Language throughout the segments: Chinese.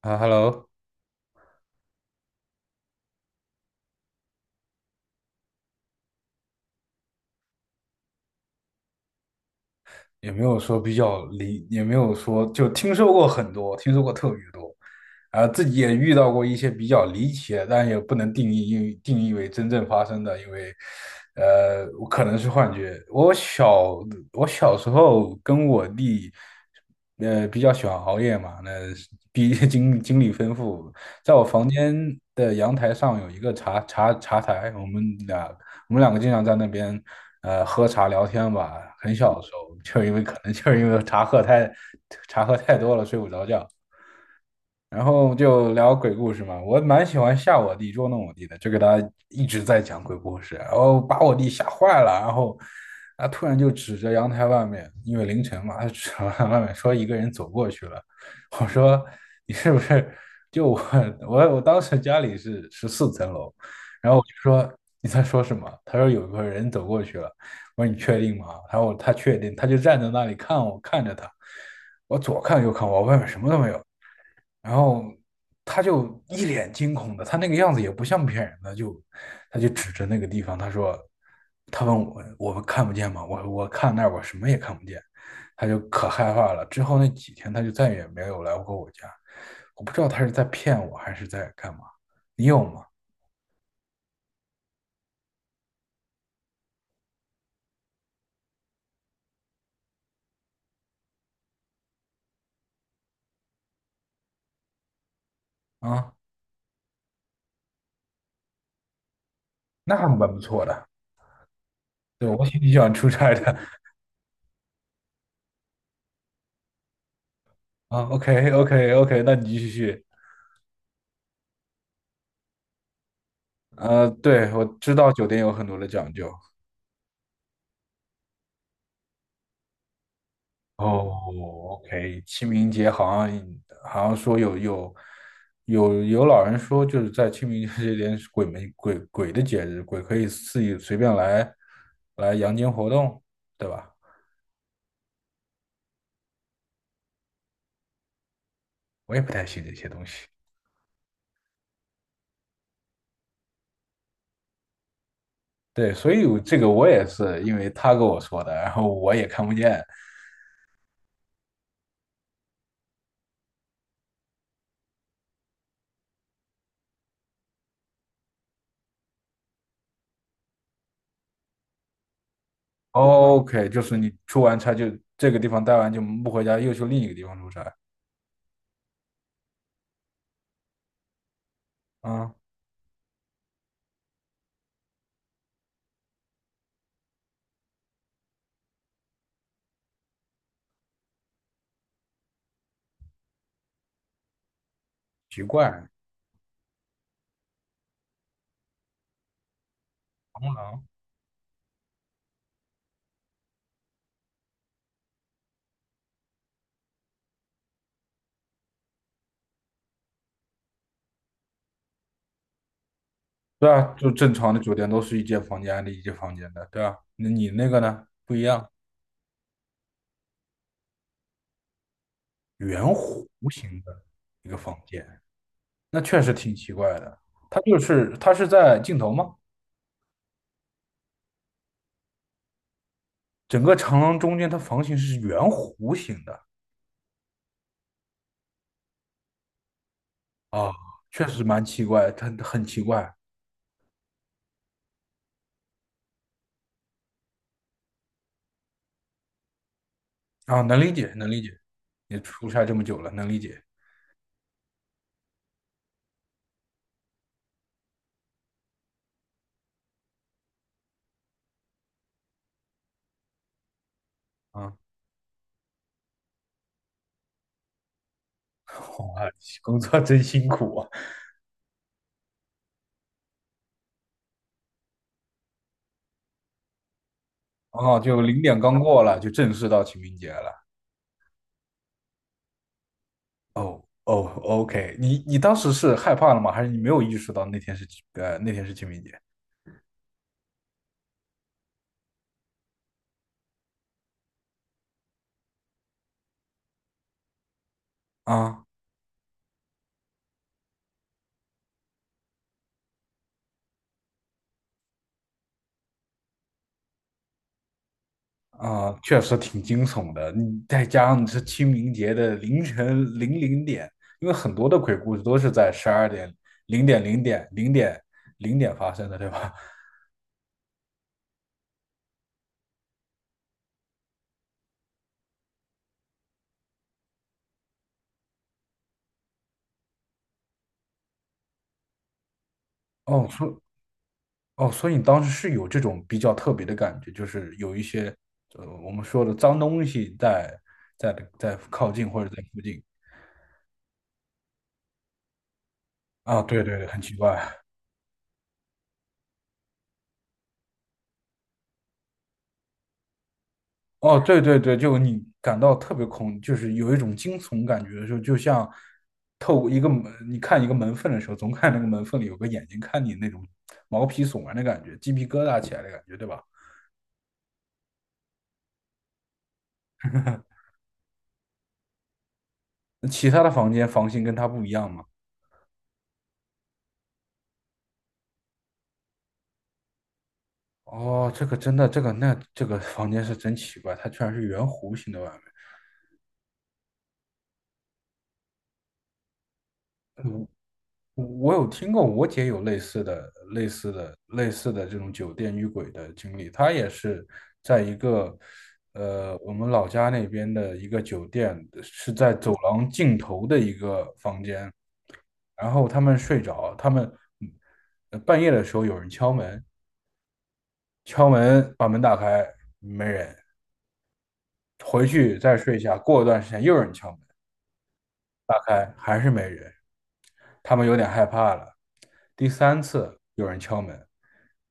啊，Hello。也没有说就听说过很多，听说过特别多。啊，自己也遇到过一些比较离奇的，但也不能定义因为定义为真正发生的，因为，我可能是幻觉。我小时候跟我弟，比较喜欢熬夜嘛，那毕竟经历丰富，在我房间的阳台上有一个茶台，我们两个经常在那边喝茶聊天吧。很小的时候，就是因为可能就是因为茶喝太多了，睡不着觉。然后就聊鬼故事嘛，我蛮喜欢吓我弟、捉弄我弟的，就给他一直在讲鬼故事，然后把我弟吓坏了，然后他突然就指着阳台外面，因为凌晨嘛，他指着阳台外面说一个人走过去了。我说你是不是就我当时家里是14层楼，然后我就说你在说什么？他说有个人走过去了。我说你确定吗？他说他确定，他就站在那里看我看着他，我左看右看我，外面什么都没有。然后他就一脸惊恐的，他那个样子也不像骗人的，就他就指着那个地方，他说，他问我，我们看不见吗？我看那儿，我什么也看不见，他就可害怕了。之后那几天，他就再也没有来过我家。我不知道他是在骗我还是在干嘛。你有吗？啊，那还蛮不错的。对，我挺喜欢出差的。啊，OK OK OK，那你继续。对，我知道酒店有很多的讲究。哦，OK，清明节好像说有老人说，就是在清明节这天是鬼门的节日，鬼可以自己随便来阳间活动，对吧？我也不太信这些东西。对，所以我这个我也是因为他跟我说的，然后我也看不见。OK，就是你出完差就这个地方待完就不回家，又去另一个地方出差。啊，奇怪，螳螂。对啊，就正常的酒店都是一间房间的一间房间的，对啊。那你那个呢？不一样，圆弧形的一个房间。那确实挺奇怪的。它是在尽头吗？整个长廊中间，它房型是圆弧形的。啊，确实蛮奇怪，它很奇怪。啊，能理解，能理解。你出差这么久了，能理解。啊。哇，工作真辛苦啊！啊，就零点刚过了，就正式到清明节了。哦哦，OK，你当时是害怕了吗？还是你没有意识到那天是那天是清明节。啊啊，确实挺惊悚的。你再加上是清明节的凌晨零点，因为很多的鬼故事都是在12点零点零点零点零点发生的，对吧？哦，所以哦，所以你当时是有这种比较特别的感觉，就是有一些我们说的脏东西在在靠近或者在附近。啊，对对对，很奇怪。哦，对对对，就你感到特别恐，就是有一种惊悚感觉的时候，就像透过一个门，你看一个门缝的时候，总看那个门缝里有个眼睛看你那种毛皮悚然的感觉，鸡皮疙瘩起来的感觉，对吧？那其他的房间房型跟它不一样吗？哦，这个真的，这个那这个房间是真奇怪，它居然是圆弧形的外面。嗯我有听过，我姐有类似的、类似的、类似的这种酒店遇鬼的经历。她也是在一个，我们老家那边的一个酒店，是在走廊尽头的一个房间。然后他们睡着，他们嗯半夜的时候有人敲门，敲门把门打开，没人。回去再睡一下，过一段时间又有人敲门，打开还是没人。他们有点害怕了。第三次有人敲门，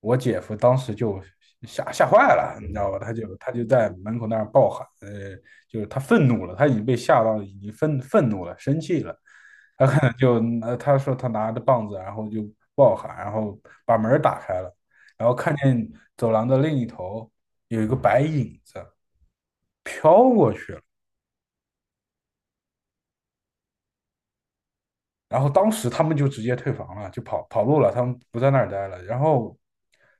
我姐夫当时就吓坏了，你知道吧？他就在门口那儿暴喊，就是他愤怒了，他已经被吓到了，已经愤怒了，生气了。他可能就他说他拿着棒子，然后就暴喊，然后把门打开了，然后看见走廊的另一头有一个白影子飘过去了。然后当时他们就直接退房了，就跑路了，他们不在那儿待了。然后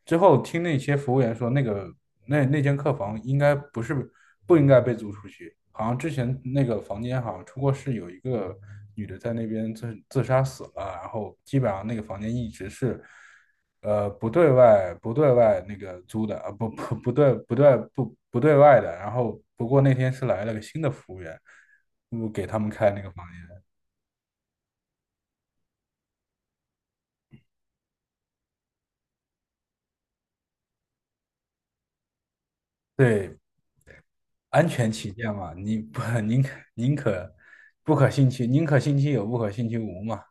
之后听那些服务员说，那个那间客房应该不是不应该被租出去，好像之前那个房间好像出过事，有一个女的在那边自杀死了，然后基本上那个房间一直是。呃，不对外那个租的啊，不对外的。然后不过那天是来了个新的服务员，我给他们开那个房间。对，安全起见嘛，你不 宁可不可信其宁可信其有，不可信其无嘛。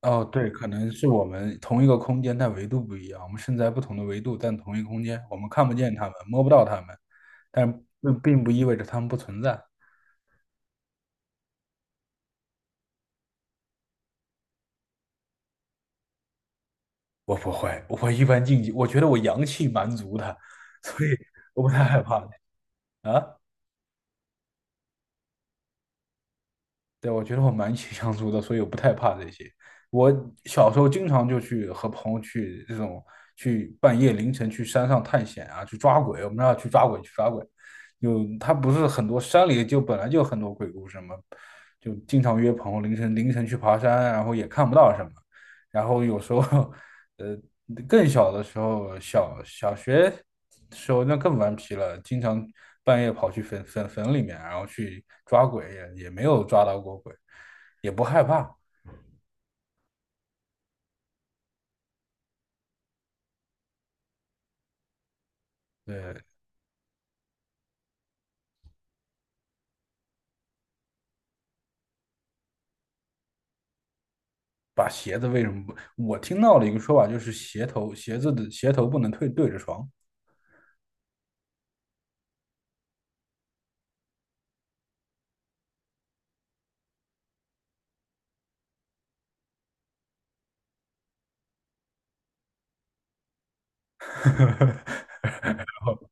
哦，对，可能是我们同一个空间，但维度不一样。我们身在不同的维度，但同一个空间，我们看不见他们，摸不到他们，但并不意味着他们不存在。我不会，我一般禁忌，我觉得我阳气蛮足的，所以我不太害怕啊。对，我觉得我蛮喜相处的，所以我不太怕这些。我小时候经常就去和朋友去这种去半夜凌晨去山上探险啊，去抓鬼。我们那去抓鬼，去抓鬼。就他不是很多山里就本来就很多鬼故事嘛，就经常约朋友凌晨去爬山，然后也看不到什么。然后有时候 呃，更小的时候，小学时候那更顽皮了，经常半夜跑去坟里面，然后去抓鬼，也没有抓到过鬼，也不害怕。对，把鞋子为什么不？我听到了一个说法，就是鞋子的鞋头不能对着床。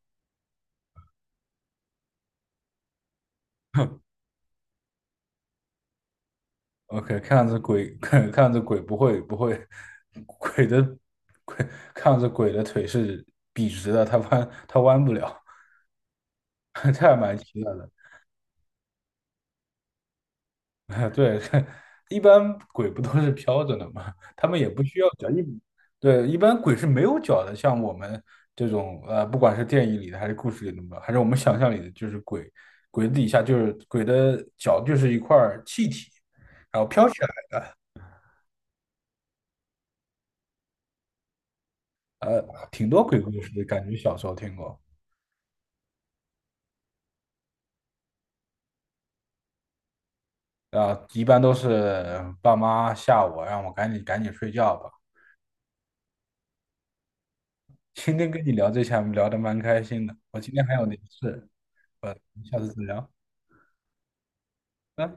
OK，看样子鬼 看样子鬼不会不会，鬼的鬼看样子鬼的腿是笔直的，它弯不了。这还蛮奇怪的。对，一般鬼不都是飘着的吗？他们也不需要脚。对，一般鬼是没有脚的，像我们这种，不管是电影里的还是故事里的，还是我们想象里的，就是鬼，鬼底下就是鬼的脚就是一块儿气体，然后飘起来。呃，挺多鬼故事的，感觉小时候听过。啊，一般都是爸妈吓我，让我赶紧睡觉吧。今天跟你聊这些，聊得蛮开心的。我今天还有点事，呃，下次再聊。拜拜